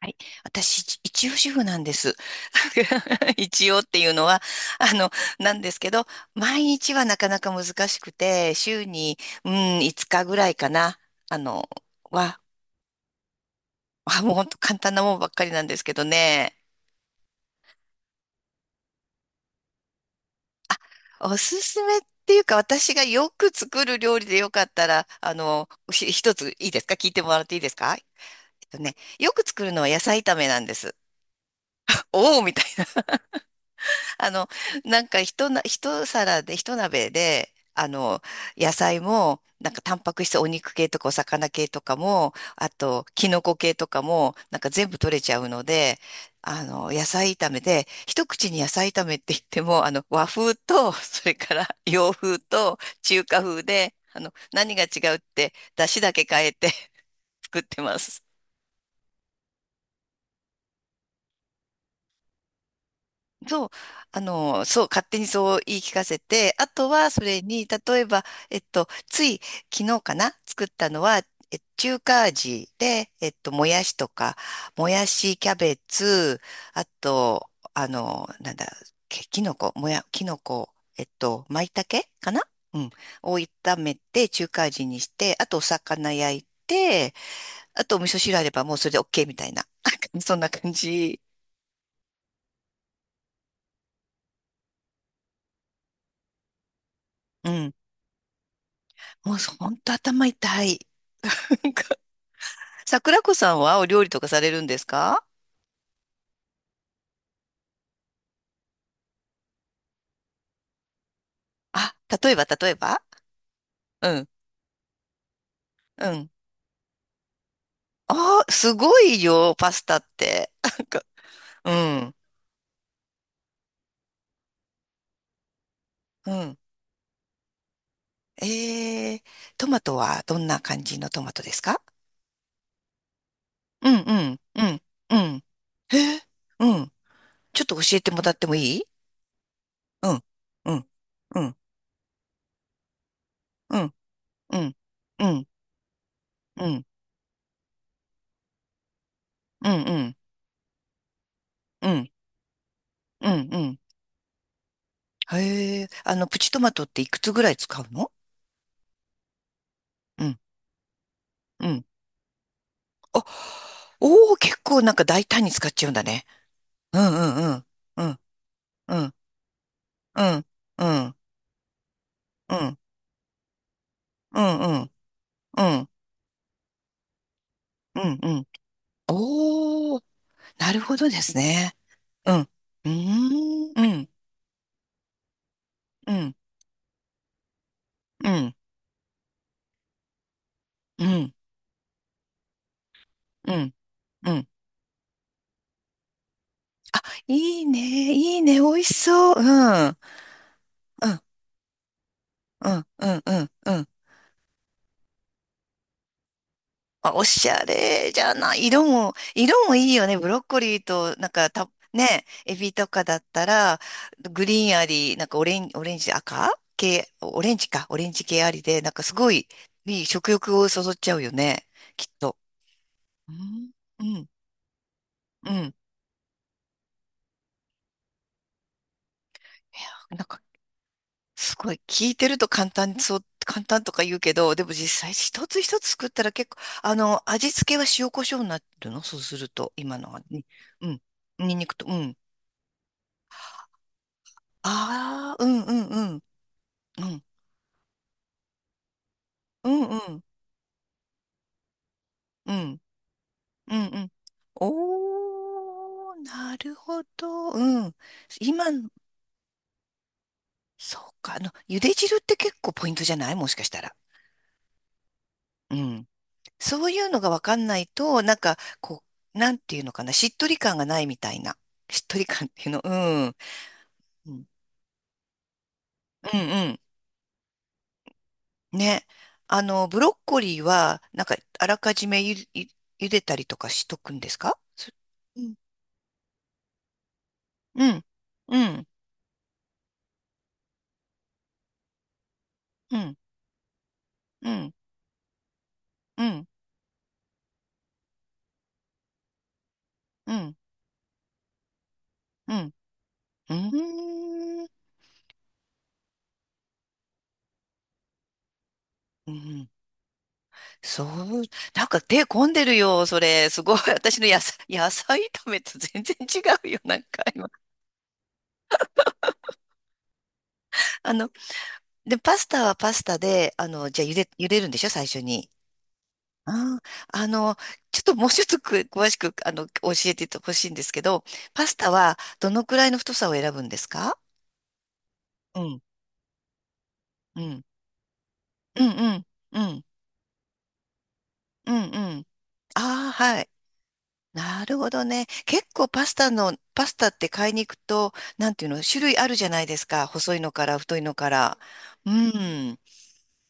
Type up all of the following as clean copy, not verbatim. はい。私、一応主婦なんです。一応っていうのは、あの、なんですけど、毎日はなかなか難しくて、週に、うん、5日ぐらいかな。あの、は、はもう本当簡単なもんばっかりなんですけどね。おすすめっていうか、私がよく作る料理でよかったら、一ついいですか？聞いてもらっていいですか？よく作るのは野菜炒めなんです。おおみたいな。 あの、なんか一皿で、一鍋で、野菜も、なんかタンパク質、お肉系とかお魚系とかも、あと、キノコ系とかも、なんか全部取れちゃうので、野菜炒めで、一口に野菜炒めって言っても、和風と、それから洋風と中華風で、何が違うって、出汁だけ変えて 作ってます。そう、そう、勝手にそう言い聞かせて、あとはそれに、例えば、つい昨日かな、作ったのは、中華味で、もやしとか、もやし、キャベツ、あと、あの、なんだ、ききのこ、もや、きのこ、まいたけかな。うん。を炒めて、中華味にして、あとお魚焼いて、あとお味噌汁あればもうそれで OK みたいな。そんな感じ。うん。もう本当頭痛い。なんか、桜子さんはお料理とかされるんですか？あ、例えば、例えば？うん、うん。ああ、すごいよ、パスタって。なんか、うん、うん。えー、トマトはどんな感じのトマトですか？うん、うん、うん、うん。へえ、うん。ちょっと教えてもらってもいい？うん、うん、うん、うん、うん、うん、うん、うん、うん、うん、うん、うん。へえ、プチトマトっていくつぐらい使うの？うん、うん。あ、おお、結構なんか大胆に使っちゃうんだね。うんうんうん。うんうんうんうんうんうんうんうんうんうん。おお、なるほどですね。うん。うーんうんうんうんうんうんうん。いいね、いいね、美味しそう。うんうんうんうんうんうん。あ、おしゃれじゃない。色も、色もいいよね。ブロッコリーと、なんかね、エビとかだったら、グリーンあり、なんかオレンジ、赤系、オレンジか、オレンジ系ありで、なんかすごい、いい食欲をそそっちゃうよね。きっと。うん。うん、うん。いや、なんか、すごい、聞いてると簡単そう、簡単とか言うけど、でも実際一つ一つ作ったら結構、味付けは塩コショウになってるの？そうすると、今のはね。うん。ニンニクと、うん。ああ、うんうんうん。うん。うんうんうん。うんうん。おー、なるほど。うん。今の、そうか。茹で汁って結構ポイントじゃない？もしかしたら。うん。そういうのがわかんないと、なんか、こう、なんていうのかな。しっとり感がないみたいな。しっとり感っていうの。うん。うん。うんうん。ね。ブロッコリーは、なんか、あらかじめ茹でたりとかしとくんですか？うん。うん。うん。うん、うん、うん、うん、うん、うん、うーん、うん、そう、なんか手込んでるよ、それ。すごい。私の野菜、野菜炒めと全然違うよ、なんか今。あの、で、パスタはパスタで、じゃあ茹でるんでしょ？最初に。あー、あの、ちょっともうちょっと詳しく、教えてほしいんですけど、パスタはどのくらいの太さを選ぶんですか？うん、うん、うん、うん、うん、うん、うん。ああ、はい。なるほどね。結構パスタって買いに行くと、なんていうの、種類あるじゃないですか。細いのから太いのから。うん。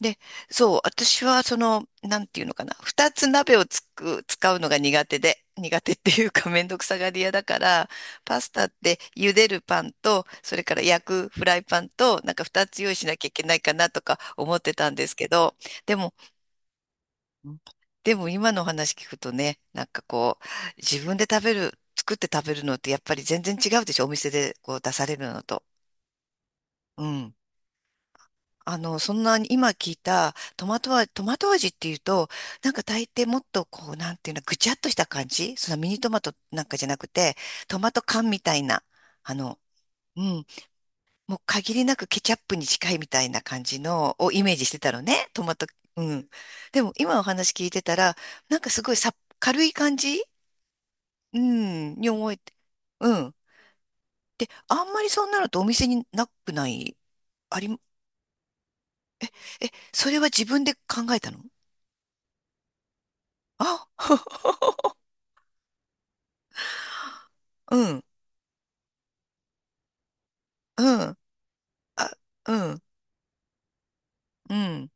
で、そう、私はその、なんていうのかな。二つ鍋を使うのが苦手で、苦手っていうかめんどくさがり屋だから、パスタって茹でるパンと、それから焼くフライパンと、なんか二つ用意しなきゃいけないかなとか思ってたんですけど、でも、うん、でも今のお話聞くとね、なんかこう、自分で食べる、作って食べるのってやっぱり全然違うでしょ、お店でこう出されるのと。うん。そんなに今聞いたトマト味、トマト味っていうと、なんか大抵もっとこう、なんていうの、ぐちゃっとした感じ、そのミニトマトなんかじゃなくて、トマト缶みたいな、あの、うん、もう限りなくケチャップに近いみたいな感じのをイメージしてたのね、トマト。うん。でも今お話聞いてたら、なんかすごい、さ軽い感じ、うん、に思えて。うん。で、あんまりそうなるとお店になくない？あり、え、それは自分で考えたの？あ、うん、うん、あ、うん、うん。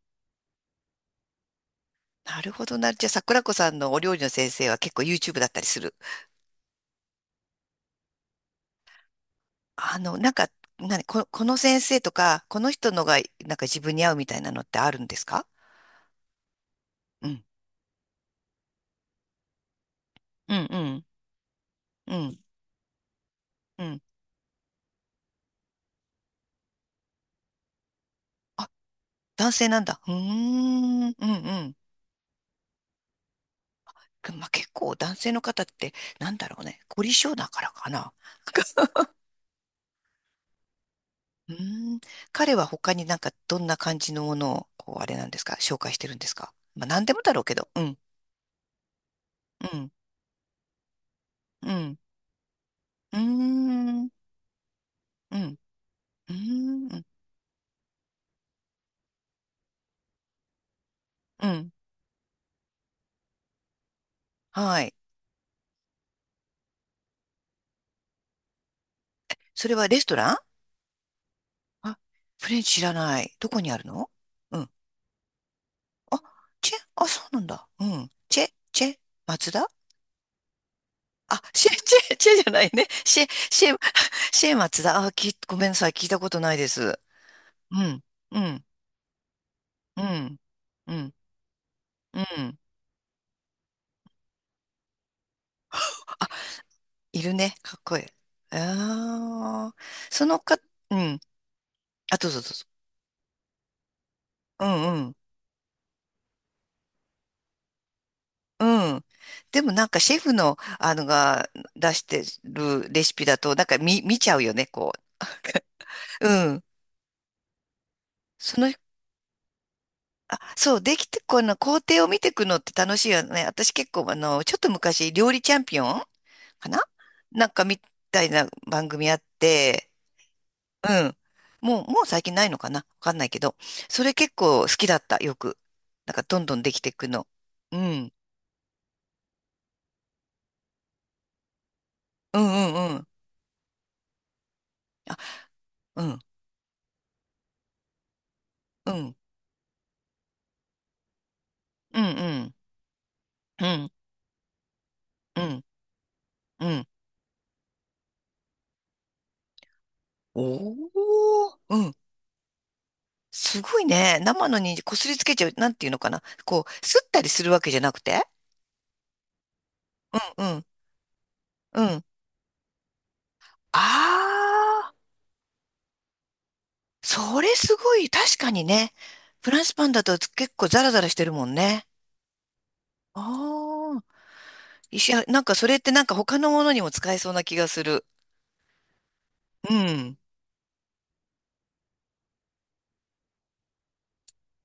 なるほどな。じゃあ、桜子さんのお料理の先生は結構 YouTube だったりする？なんか、この先生とか、この人のが、なんか自分に合うみたいなのってあるんですか？うん、うん、うん、うん、うん。あ、男性なんだ。うーん、うん、うん。まあ、結構男性の方って、なんだろうね、凝り性だからかな。うーん、彼は他になんかどんな感じのものを、こう、あれなんですか、紹介してるんですか。まあ、何でもだろうけど、うん、うん、うん、うーん、うん、うーん、うん、うん、はい。それはレストラン？あ、フレンチ知らない。どこにあるの？うん。あ、チェ、あ、そうなんだ。うん。チェ、チェ、松田。あ、シェ、チェ、チェじゃないね。シェ、シェ、シェ松だ。あ、ごめんなさい。聞いたことないです。うん、うん、うん、うん、うん。あ、いるね。かっこいい。ああ、そのか、うん。あ、どうぞどうぞ。うんうん。うん。でもなんかシェフの、あのが出してるレシピだと、なんか見ちゃうよね、こう。うん。その、あ、そう、できて、この工程を見ていくのって楽しいよね。私結構、ちょっと昔、料理チャンピオンかな、なんかみたいな番組あって、うん。もう、もう最近ないのかな、わかんないけど。それ結構好きだった、よく。なんかどんどんできていくの。うん。うんうんうん。あ、うん。うん。うんうん。うん。うん。うん。おー。うん。すごいね。生のにこすりつけちゃう。なんていうのかな、こう、すったりするわけじゃなくて。うん。うん。ああ。それすごい、確かにね。フランスパンだと結構ザラザラしてるもんね。ああ、なんかそれってなんか他のものにも使えそうな気がする。うん。